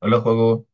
Hola, juego.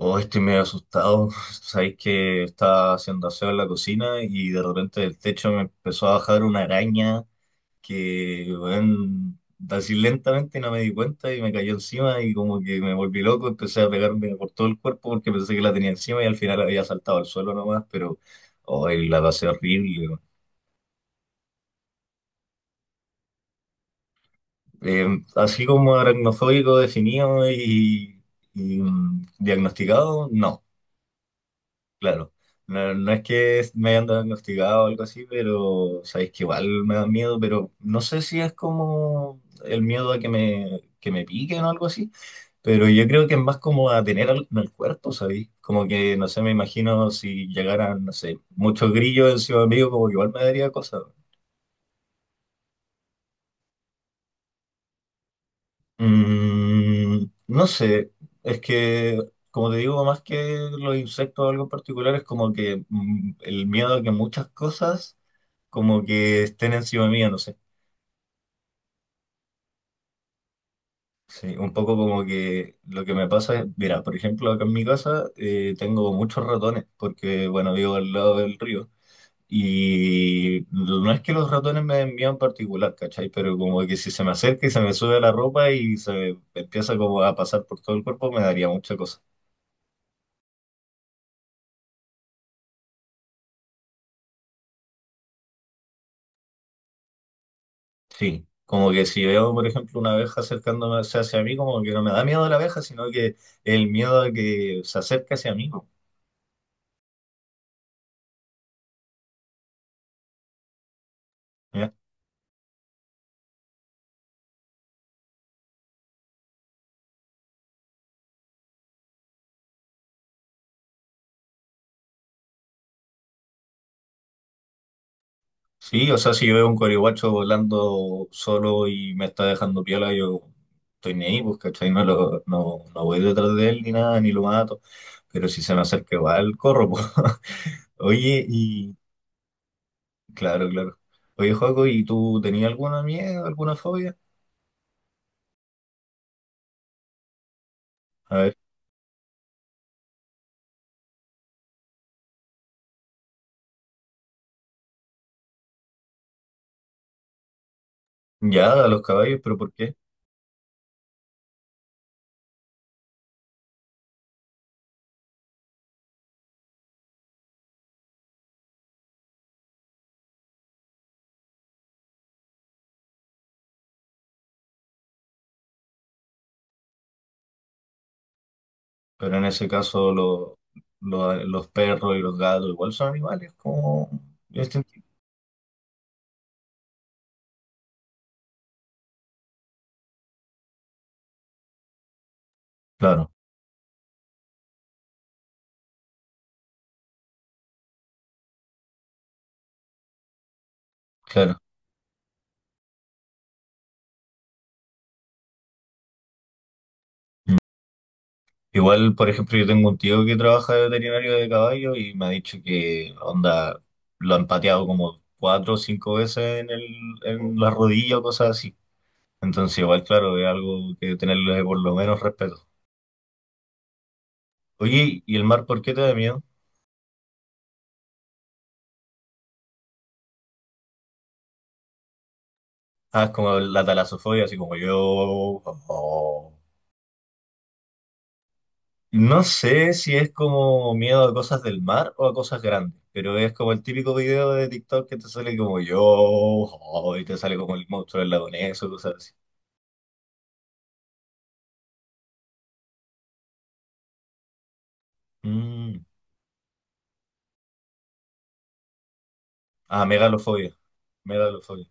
Oh, estoy medio asustado. Sabéis que estaba haciendo aseo en la cocina y de repente del techo me empezó a bajar una araña que, bueno, así lentamente no me di cuenta y me cayó encima y como que me volví loco. Empecé a pegarme por todo el cuerpo porque pensé que la tenía encima y al final había saltado al suelo nomás, pero hoy la pasé horrible. Así como aracnofóbico definido y, diagnosticado, no. Claro, no, no es que me hayan diagnosticado o algo así, pero sabéis que igual me da miedo, pero no sé si es como el miedo a que que me piquen o algo así, pero yo creo que es más como a tener algo en el cuerpo, ¿sabéis? Como que, no sé, me imagino si llegaran, no sé, muchos grillos encima mío, como que igual me daría cosas. Mm, no sé, es que, como te digo, más que los insectos o algo en particular, es como que el miedo a que muchas cosas como que estén encima mía, no sé. Sí, un poco como que lo que me pasa es, mira, por ejemplo, acá en mi casa tengo muchos ratones, porque, bueno, vivo al lado del río. Y no es que los ratones me den miedo en particular, ¿cachai? Pero como que si se me acerca y se me sube a la ropa y se me empieza como a pasar por todo el cuerpo, me daría mucha cosa. Sí, como que si veo, por ejemplo, una abeja acercándose hacia mí, como que no me da miedo la abeja, sino que el miedo de que se acerque hacia mí, ¿no? ¿Ya? Sí, o sea, si yo veo un corihuacho volando solo y me está dejando piola, yo estoy ni ahí, pues, ¿cachai? No, no, no voy detrás de él ni nada, ni lo mato. Pero si se me acerca igual, corro, pues. Oye, y claro, claro. Oye, Joaco, ¿y tú tenías alguna miedo, alguna fobia? A ver, ya, a los caballos, pero ¿por qué? Pero en ese caso los perros y los gatos igual son animales como... instintivos. Claro, claro. Igual, por ejemplo, yo tengo un tío que trabaja de veterinario de caballo y me ha dicho que, onda, lo han pateado como cuatro o cinco veces en en la rodilla o cosas así. Entonces, igual, claro, es algo que tenerle por lo menos respeto. Oye, ¿y el mar por qué te da miedo? Ah, es como la talasofobia, así como yo... oh. No sé si es como miedo a cosas del mar o a cosas grandes, pero es como el típico video de TikTok que te sale como yo, oh, y te sale como el monstruo del lago Ness o cosas así. Mm. Ah, megalofobia, megalofobia.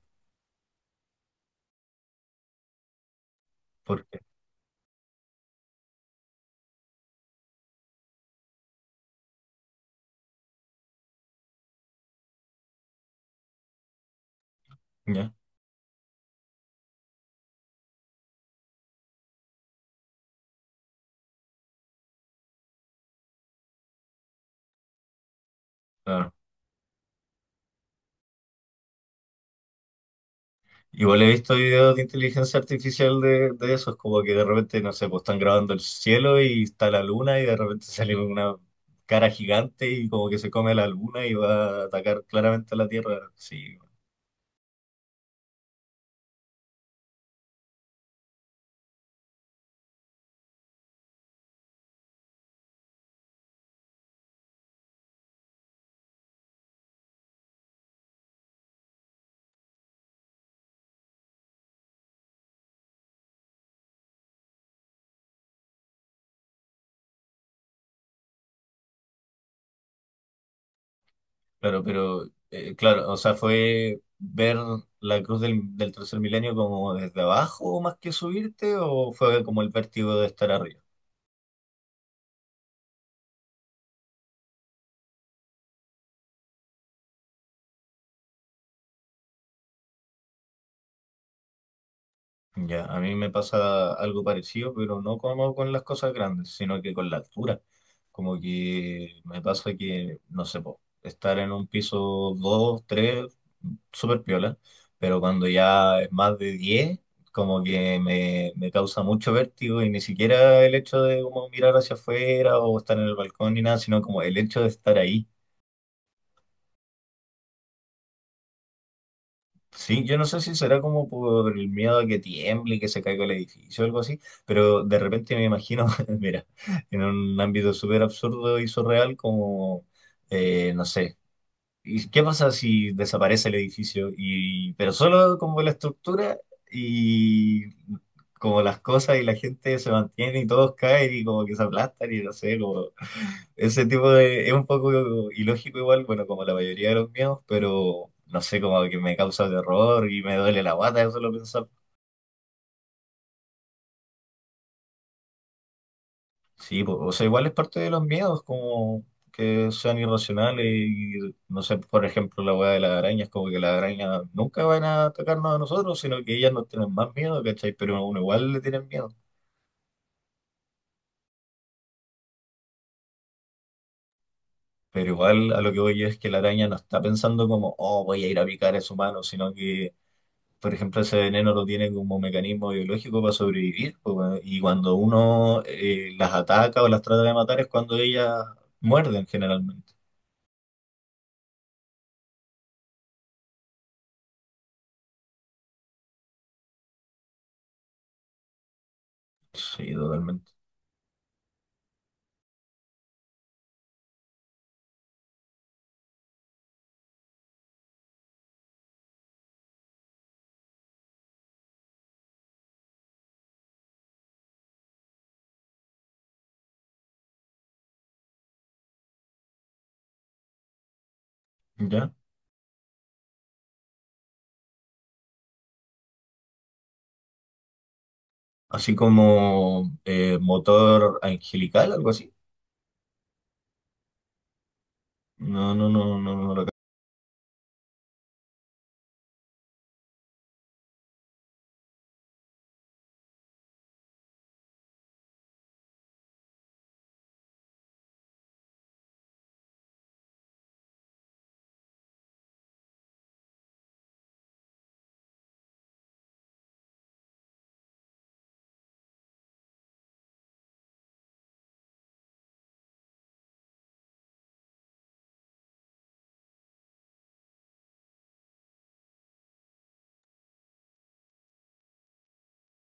¿Por qué? Ya, claro. Igual he visto videos de inteligencia artificial de esos, como que de repente, no sé, pues están grabando el cielo y está la luna y de repente sale una cara gigante y como que se come la luna y va a atacar claramente a la Tierra. Sí. Claro, pero claro, o sea, fue ver la cruz del tercer milenio como desde abajo más que subirte, o fue como el vértigo de estar arriba. Ya, a mí me pasa algo parecido, pero no como con las cosas grandes, sino que con la altura. Como que me pasa que, no sé, po, estar en un piso 2, 3, súper piola, pero cuando ya es más de 10, como que me causa mucho vértigo y ni siquiera el hecho de como mirar hacia afuera o estar en el balcón ni nada, sino como el hecho de estar ahí. Sí, yo no sé si será como por el miedo a que tiemble, y que se caiga el edificio o algo así, pero de repente me imagino, mira, en un ámbito súper absurdo y surreal como, no sé, ¿y qué pasa si desaparece el edificio? Y, pero solo como la estructura y como las cosas y la gente se mantiene y todos caen y como que se aplastan y no sé, como ese tipo de... Es un poco ilógico igual, bueno, como la mayoría de los miedos, pero no sé, como que me causa terror y me duele la guata de solo pensar. Sí, po, o sea, igual es parte de los miedos, como que sean irracionales y, no sé, por ejemplo, la weá de las arañas, como que las arañas nunca van a atacarnos a nosotros, sino que ellas nos tienen más miedo, ¿cachai? Pero a uno igual le tienen miedo. Pero igual a lo que voy yo es que la araña no está pensando como, oh, voy a ir a picar a su mano, sino que por ejemplo, ese veneno lo tiene como un mecanismo biológico para sobrevivir, pues, bueno, y cuando uno las ataca o las trata de matar es cuando ellas muerden generalmente. Sí, totalmente. ¿Ya? Así como motor angelical, algo así. No, no, no, no, no lo...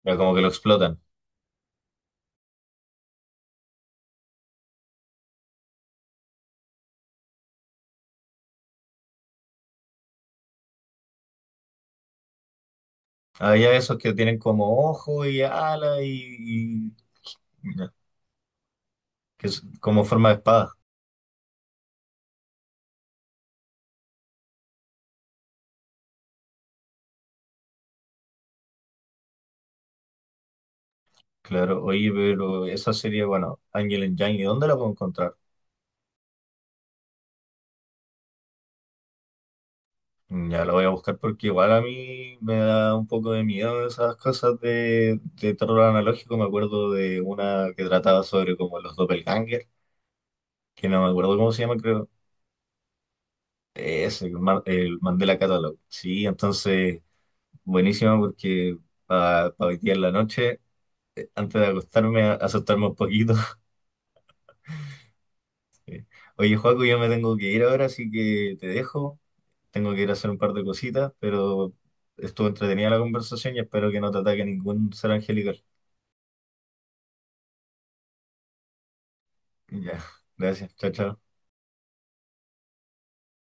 Pero como que lo explotan. Hay esos que tienen como ojo y ala y, ya, que es como forma de espada. Claro, oye, pero esa serie, bueno, Angel and Yang, ¿y dónde la puedo encontrar? Ya lo voy a buscar porque igual a mí me da un poco de miedo esas cosas de terror analógico. Me acuerdo de una que trataba sobre como los doppelganger, que no me acuerdo cómo se llama, creo. Ese el, el Mandela Catalog. Sí, entonces buenísimo porque para hoy día en la noche, antes de acostarme, asustarme un poquito. Oye, Joaco, yo me tengo que ir ahora, así que te dejo. Tengo que ir a hacer un par de cositas, pero estuvo entretenida la conversación y espero que no te ataque ningún ser angelical. Ya, gracias. Chao, chao.